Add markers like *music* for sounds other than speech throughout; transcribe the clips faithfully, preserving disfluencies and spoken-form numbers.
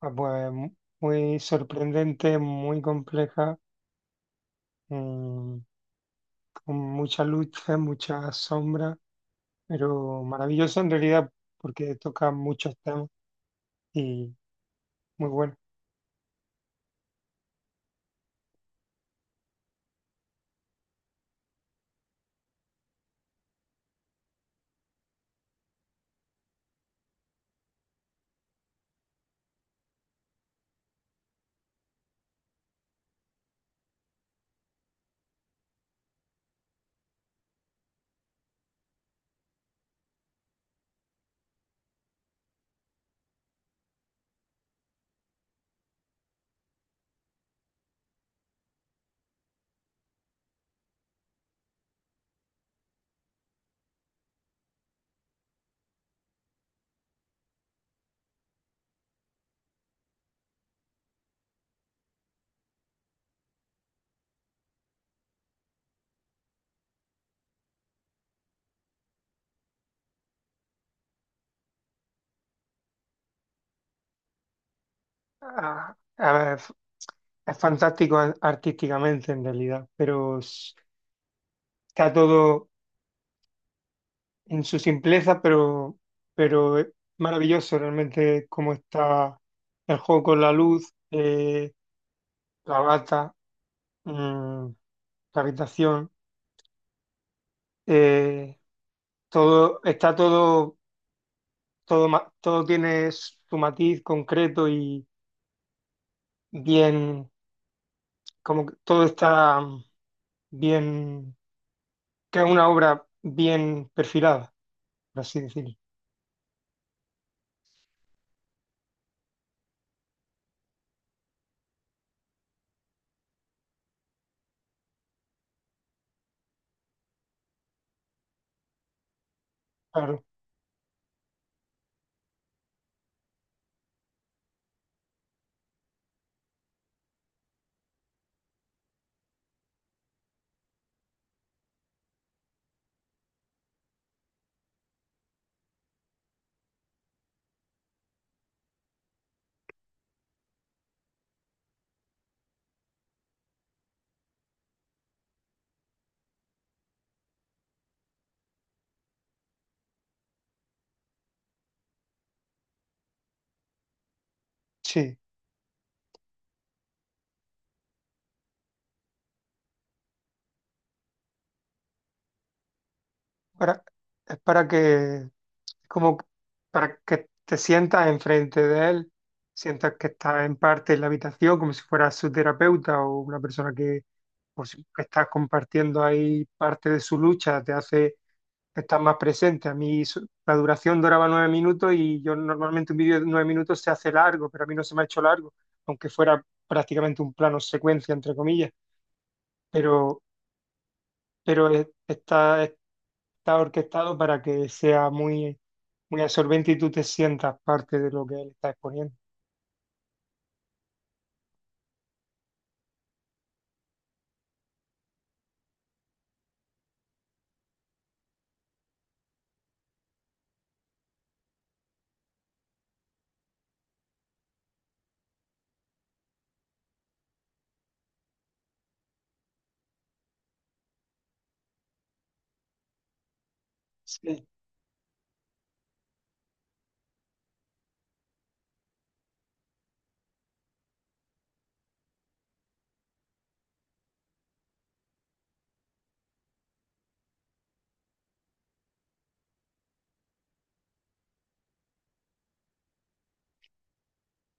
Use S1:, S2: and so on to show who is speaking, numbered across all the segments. S1: Ah, pues mu- muy sorprendente, muy compleja, mm, con muchas luces, muchas sombras, *laughs* pero maravillosa en realidad porque toca muchos temas y muy bueno. Ah, a ver, es es fantástico a- artísticamente en realidad, pero s- está todo en su simpleza, pero, pero es maravilloso realmente cómo está el juego con la luz, eh, la bata, mm, la habitación. eh, Todo, está todo, todo, ma- todo tiene su matiz concreto y bien, como que todo está mm, bien, que es una obra bien perfilada, por así decirlo. Claro, sí. Para, es para que, como para que te sientas enfrente de él, sientas que estás en parte en la habitación, como si fueras su terapeuta o una persona que, pues, que estás compartiendo ahí parte de su lucha, te hace estar más presente. A mí su- la duración duraba nueve minutos y yo normalmente un vídeo de nueve minutos se hace largo, pero a mí no se me ha hecho largo, aunque fuera prácticamente un plano secuencia, entre comillas. Pero pero es- está, está orquestado para que sea muy, muy absorbente y tú te sientas parte de lo que él está exponiendo. Sí.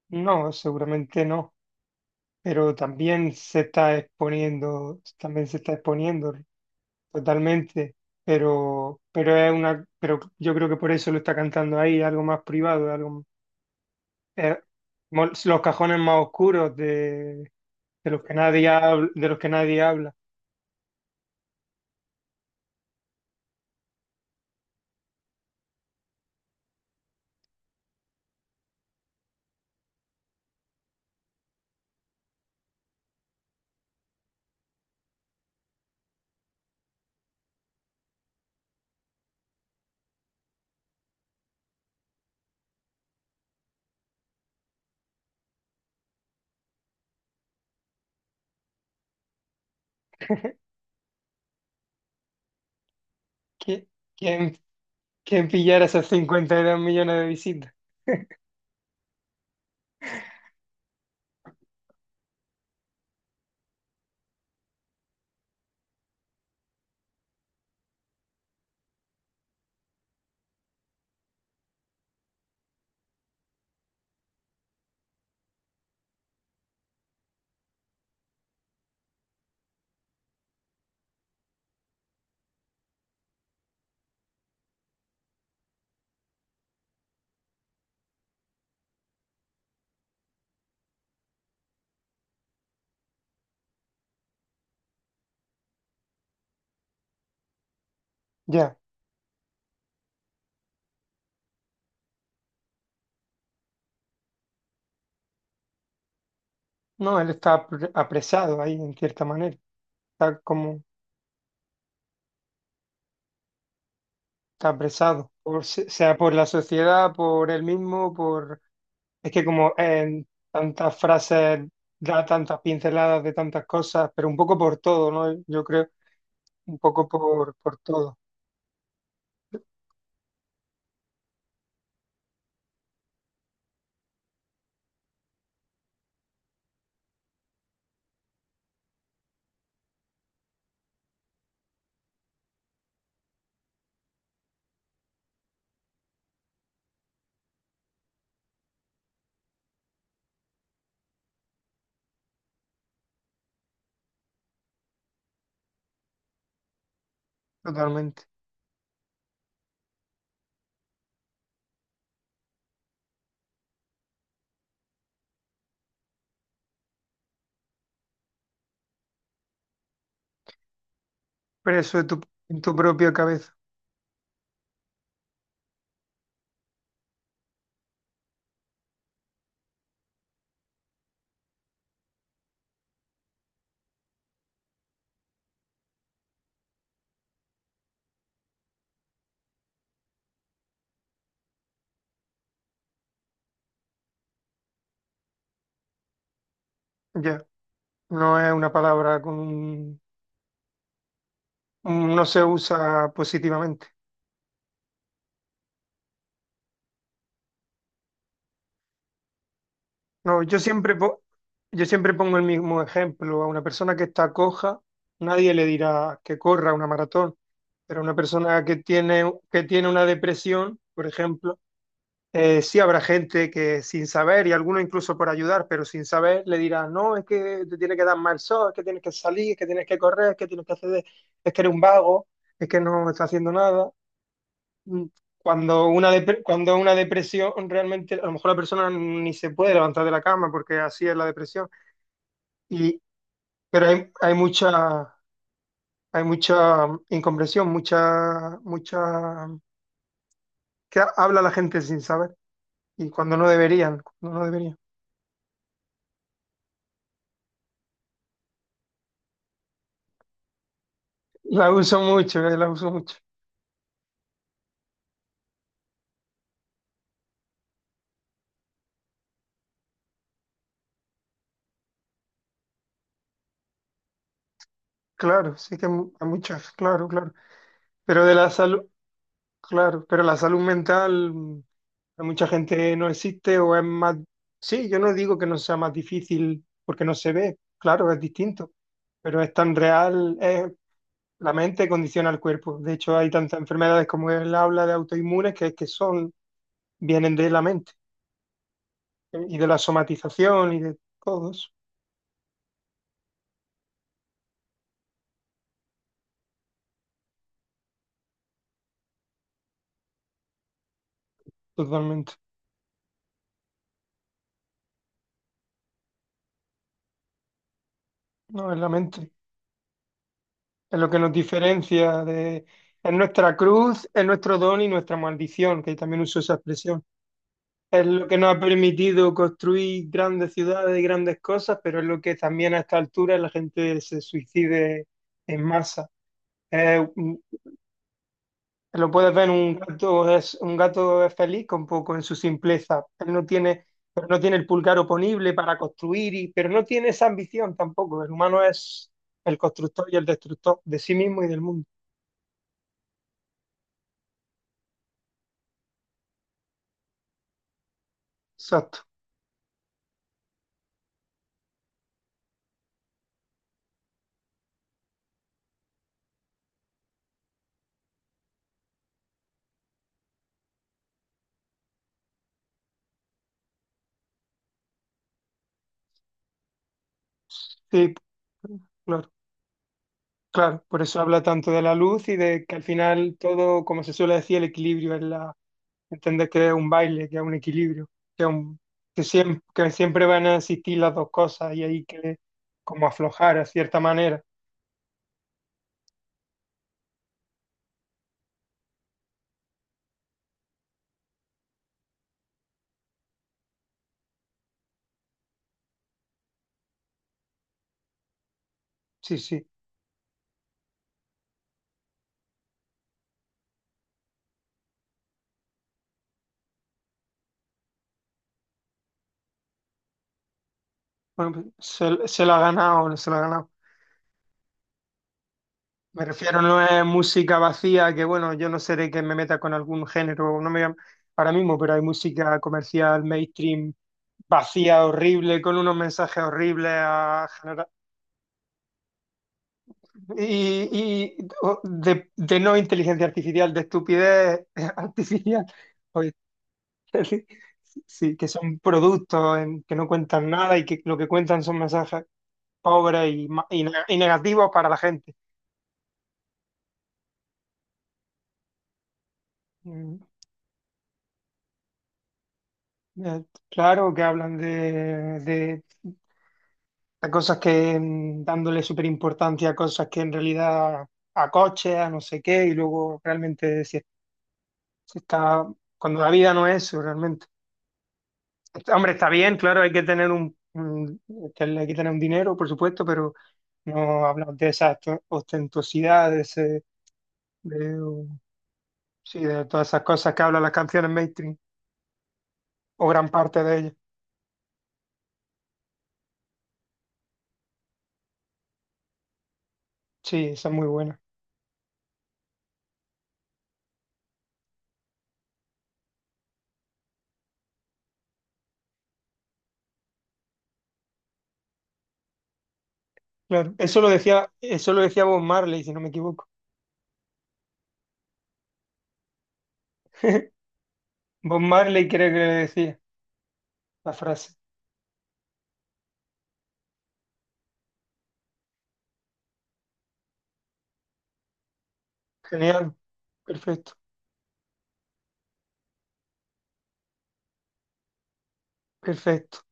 S1: No, seguramente no, pero también se está exponiendo, también se está exponiendo totalmente, pero, pero es una, pero yo creo que por eso lo está cantando ahí, algo más privado, algo, eh, mol- los cajones más oscuros de, de los que nadie habla, de los que nadie habla. ¿Qui- ¿Quién, que pillara esas cincuenta y dos millones de visitas. Ya, no, él está apre- apresado ahí en cierta manera. Está como, está apresado, por, se- sea por la sociedad, por él mismo, por... Es que como en tantas frases da tantas pinceladas de tantas cosas, pero un poco por todo, ¿no? Yo creo, un poco por, por todo, totalmente. Preso de tu, en tu propia cabeza, ya. No es una palabra con... un- No se usa positivamente. No, yo siempre, po- yo siempre pongo el mismo ejemplo. A una persona que está coja, nadie le dirá que corra una maratón, pero a una persona que tiene, que tiene una depresión, por ejemplo, eh, sí habrá gente que sin saber, y algunos incluso por ayudar, pero sin saber, le dirá, no, es que te tiene que dar mal sol, es que tienes que salir, es que tienes que correr, es que tienes que hacer, de- es que eres un vago, es que no estás haciendo nada. Mm, Cuando una, depre- cuando una depresión, realmente a lo mejor la persona ni se puede levantar de la cama porque así es la depresión. Y, pero hay, hay mucha, hay mucha incomprensión, mucha, mucha, que ha- habla la gente sin saber y cuando no deberían, cuando no deberían. La uso mucho, eh, la uso mucho. Claro, sí que mu- hay muchas, claro, claro. Pero de la salud, claro, pero la salud mental. Hay mucha gente no existe o es más... Sí, yo no digo que no sea más difícil porque no se ve, claro, es distinto, pero es tan real, es- la mente condiciona al cuerpo. De hecho, hay tantas enfermedades como él habla de autoinmunes que, que son, vienen de la mente eh, y de la somatización y de todos, totalmente. No, es la mente, es lo que nos diferencia de... Es nuestra cruz, es nuestro don y nuestra maldición, que también uso esa expresión. Es lo que nos ha permitido construir grandes ciudades y grandes cosas, pero es lo que también a esta altura la gente se suicide en masa. Eh, un- lo puedes ver, un gato es, un gato es feliz con poco en su simpleza. Él no tiene, pero no tiene el pulgar oponible para construir, y, pero no tiene esa ambición tampoco. El humano es el constructor y el destructor de sí mismo y del mundo. Exacto. Sí, lo claro, por eso habla tanto de la luz y de que al final todo, como se suele decir, el equilibrio es la, entender que es un baile, que es un equilibrio, que, es un- que, siempre, que siempre van a existir las dos cosas y hay que como aflojar a cierta manera. Sí, sí. Bueno, pues, se, se lo ha ganado, no se lo ha ganado. Me refiero, no es música vacía, que bueno, yo no seré que me meta con algún género, no me voy a- ahora mismo, pero hay música comercial, mainstream, vacía, horrible, con unos mensajes horribles a Y, y o- de, de no inteligencia artificial, de estupidez *laughs* artificial. Oye, *laughs* sí, sí, que son productos en- que no cuentan nada y que lo que cuentan son mensajes pobres y, ma- y, ne- y negativos para la gente. Mm, eh, Claro que hablan de, de, de cosas que mm, dándole súper importancia a cosas que en realidad a coches, a no sé qué, y luego realmente si, si está cuando la vida no es eso realmente. Hombre, está bien, claro, hay que tener un, un- este, hay que tener un dinero, por supuesto, pero no hablamos de esa ost- ostentosidad, de ese, de, um, sí, de todas esas cosas que hablan las canciones mainstream, o gran parte de ellas. Sí, esa es muy buena. Claro, eso lo decía, eso lo decía Bob Marley, si no me equivoco. *laughs* Bob Marley creo que le decía la frase. Genial, perfecto, perfecto.